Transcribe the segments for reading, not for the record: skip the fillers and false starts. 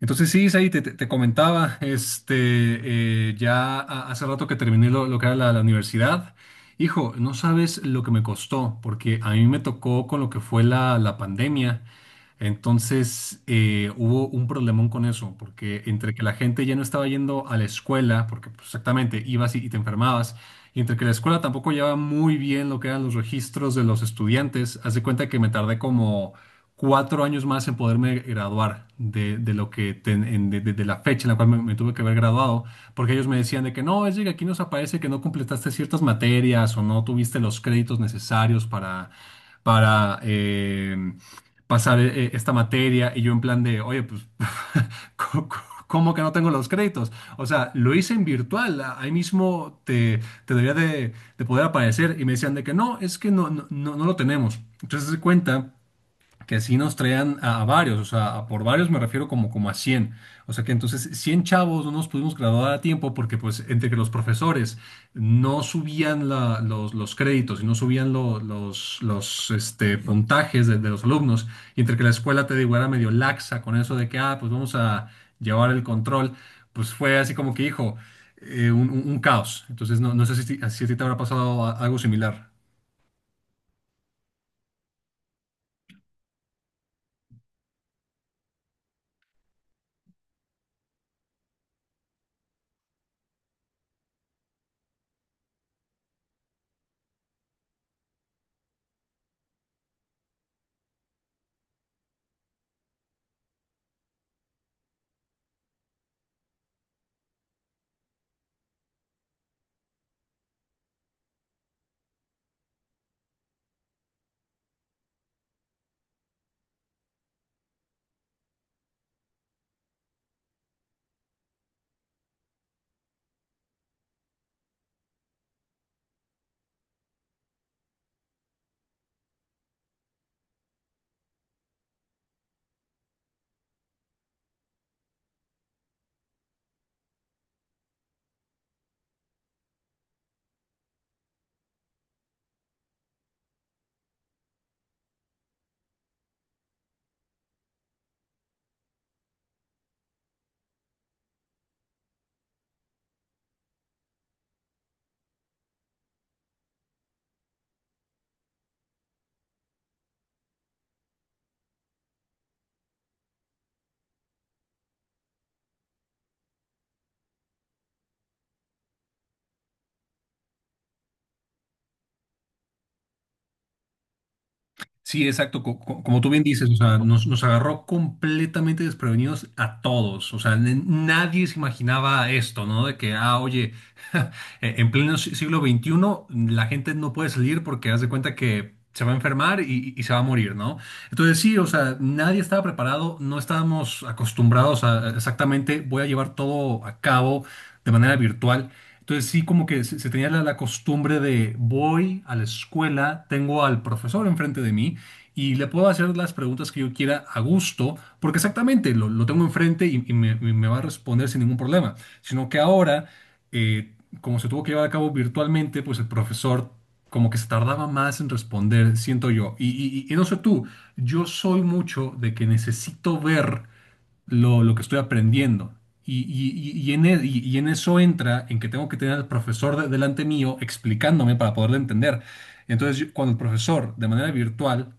Entonces sí, Isaí, te comentaba, ya hace rato que terminé lo que era la universidad. Hijo, no sabes lo que me costó, porque a mí me tocó con lo que fue la pandemia. Entonces hubo un problemón con eso, porque entre que la gente ya no estaba yendo a la escuela, porque pues, exactamente ibas y te enfermabas, y entre que la escuela tampoco llevaba muy bien lo que eran los registros de los estudiantes, haz de cuenta que me tardé como cuatro años más en poderme graduar de lo que de la fecha en la cual me tuve que haber graduado, porque ellos me decían de que no, es que aquí nos aparece que no completaste ciertas materias o no tuviste los créditos necesarios para pasar esta materia, y yo en plan de, oye, pues, ¿cómo cómo que no tengo los créditos? O sea, lo hice en virtual, ahí mismo te debería de poder aparecer, y me decían de que no, es que no lo tenemos. Entonces se cuenta que sí nos traían a varios, o sea, a por varios me refiero como a cien. O sea que entonces 100 chavos no nos pudimos graduar a tiempo porque pues entre que los profesores no subían los créditos y no subían los puntajes de los alumnos, y entre que la escuela, te digo, era medio laxa con eso de que, ah, pues vamos a llevar el control, pues fue así como que, hijo, un caos. Entonces no, no sé si, si a ti te habrá pasado algo similar. Sí, exacto. Como tú bien dices, o sea, nos agarró completamente desprevenidos a todos. O sea, nadie se imaginaba esto, ¿no? De que, ah, oye, en pleno siglo XXI la gente no puede salir porque haz de cuenta que se va a enfermar y se va a morir, ¿no? Entonces sí, o sea, nadie estaba preparado, no estábamos acostumbrados a exactamente, voy a llevar todo a cabo de manera virtual. Entonces sí, como que se tenía la costumbre de voy a la escuela, tengo al profesor enfrente de mí y le puedo hacer las preguntas que yo quiera a gusto, porque exactamente lo tengo enfrente y me va a responder sin ningún problema. Sino que ahora, eh, como se tuvo que llevar a cabo virtualmente, pues el profesor como que se tardaba más en responder, siento yo. Y no sé tú, yo soy mucho de que necesito ver lo que estoy aprendiendo. Y en eso entra en que tengo que tener al profesor delante mío explicándome para poderlo entender. Entonces, cuando el profesor, de manera virtual,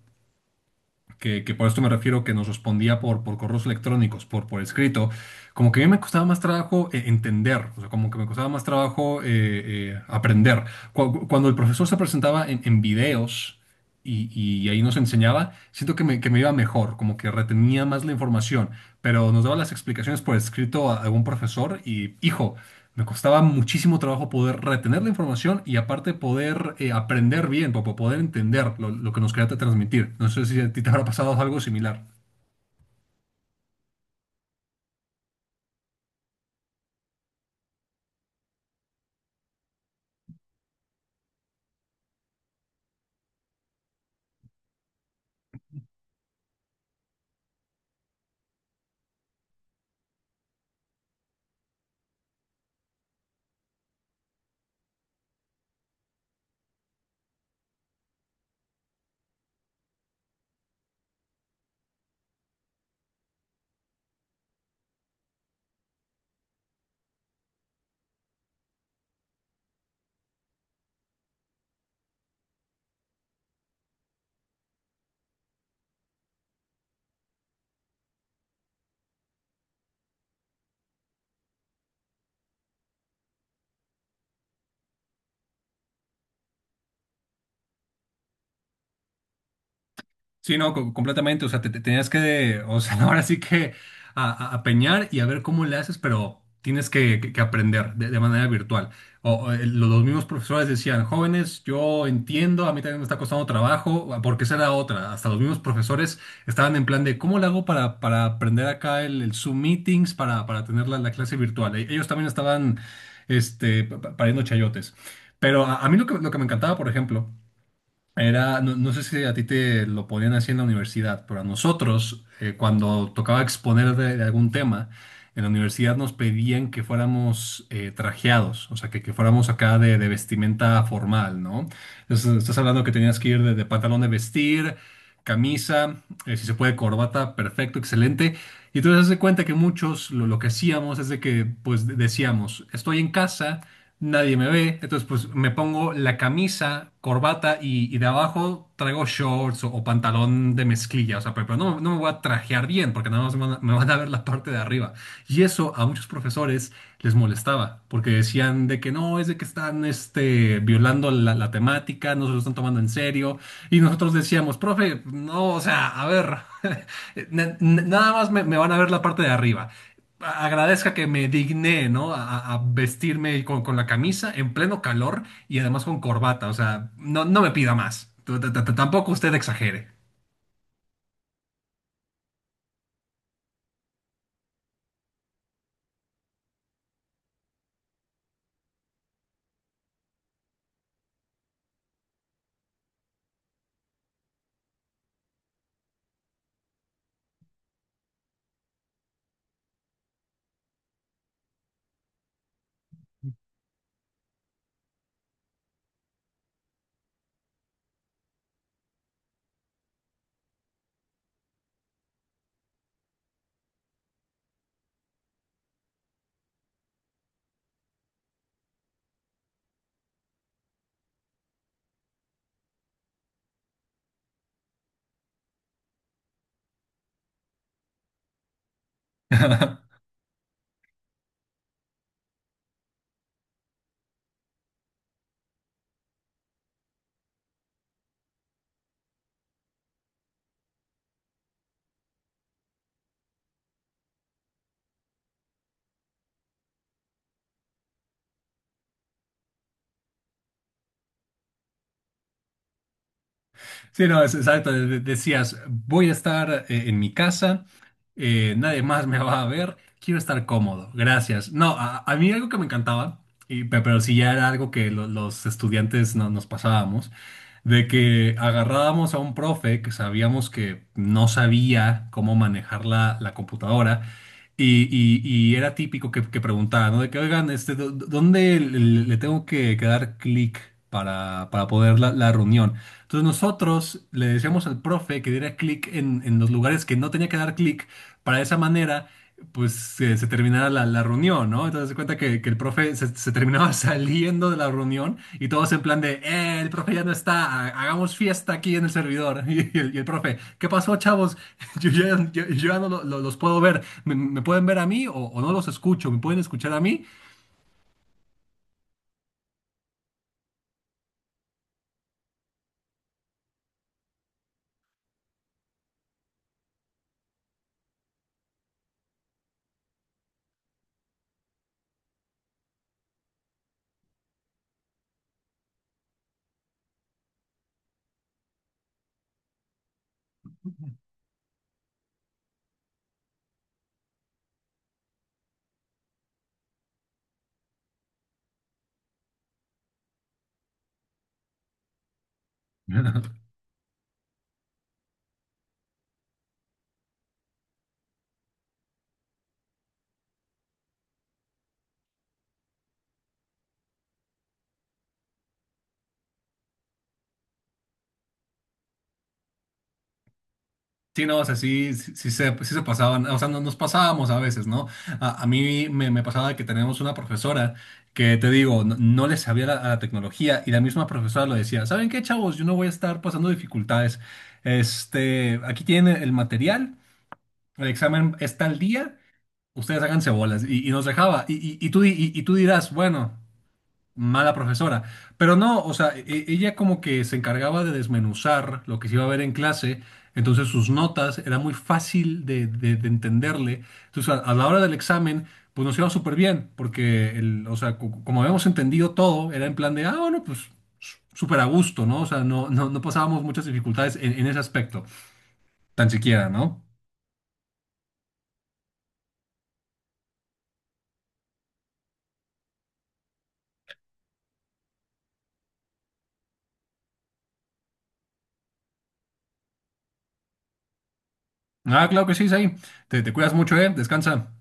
que por esto me refiero que nos respondía por correos electrónicos, por escrito, como que a mí me costaba más trabajo entender, o sea, como que me costaba más trabajo aprender. Cuando el profesor se presentaba en videos, y, y ahí nos enseñaba, siento que me iba mejor, como que retenía más la información, pero nos daba las explicaciones por escrito a algún profesor y, hijo, me costaba muchísimo trabajo poder retener la información y aparte poder aprender bien, para poder entender lo que nos quería transmitir. No sé si a ti te habrá pasado algo similar. Sí, no, completamente. O sea, te tenías que, o sea, ahora sí que a peñar y a ver cómo le haces, pero tienes que, que aprender de manera virtual. Los mismos profesores decían, jóvenes, yo entiendo, a mí también me está costando trabajo, porque esa era otra. Hasta los mismos profesores estaban en plan de, ¿cómo le hago para aprender acá el Zoom Meetings para tener la clase virtual? Ellos también estaban, pariendo chayotes. Pero a mí lo que me encantaba, por ejemplo, era, no, no sé si a ti te lo ponían así en la universidad, pero a nosotros, cuando tocaba exponer de algún tema, en la universidad nos pedían que fuéramos trajeados, o sea, que fuéramos acá de vestimenta formal, ¿no? Entonces, estás hablando que tenías que ir de pantalón de vestir, camisa, si se puede, corbata, perfecto, excelente. Y entonces, haz de cuenta que muchos lo que hacíamos es de que, pues, decíamos, estoy en casa nadie me ve. Entonces, pues me pongo la camisa, corbata y de abajo traigo shorts o pantalón de mezclilla. O sea, pero no, no me voy a trajear bien porque nada más me van a ver la parte de arriba. Y eso a muchos profesores les molestaba porque decían de que no, es de que están violando la temática, no se lo están tomando en serio. Y nosotros decíamos, profe, no, o sea, a ver, nada más me van a ver la parte de arriba, agradezca que me digné, ¿no? A vestirme con la camisa en pleno calor y además con corbata. O sea, no, no me pida más. Tampoco usted exagere. Sí, no, es exacto. Decías, voy a estar en mi casa, nadie más me va a ver, quiero estar cómodo, gracias. No, a mí algo que me encantaba, pero sí ya era algo que los estudiantes nos pasábamos, de que agarrábamos a un profe que sabíamos que no sabía cómo manejar la computadora. Y era típico que preguntaba, ¿no? De que, oigan, dónde le tengo que dar clic para poder la reunión? Entonces nosotros le decíamos al profe que diera clic en los lugares que no tenía que dar clic para de esa manera pues se terminara la reunión, ¿no? Entonces se cuenta que el profe se terminaba saliendo de la reunión y todos en plan de, el profe ya no está, hagamos fiesta aquí en el servidor. Y el profe, ¿qué pasó, chavos? Yo ya, yo ya no los puedo ver, me pueden ver a mí o no los escucho? ¿Me pueden escuchar a mí? Sí, no, o sea, sí, sí, sí se, pues, sí se pasaban, o sea, nos pasábamos a veces, ¿no? A mí me pasaba que tenemos una profesora que, te digo, no, no le sabía a la tecnología y la misma profesora lo decía, ¿saben qué, chavos? Yo no voy a estar pasando dificultades. Este, aquí tienen el material, el examen está al día, ustedes háganse bolas y nos dejaba. Y tú, y tú dirás, bueno, mala profesora. Pero no, o sea, ella como que se encargaba de desmenuzar lo que se iba a ver en clase, entonces sus notas era muy fácil de entenderle. Entonces, a la hora del examen, pues nos iba súper bien, porque, el, o sea, como habíamos entendido todo, era en plan de, ah, bueno, pues súper a gusto, ¿no? O sea, no pasábamos muchas dificultades en ese aspecto, tan siquiera, ¿no? Ah, claro que sí, Zay. Te cuidas mucho, ¿eh? Descansa.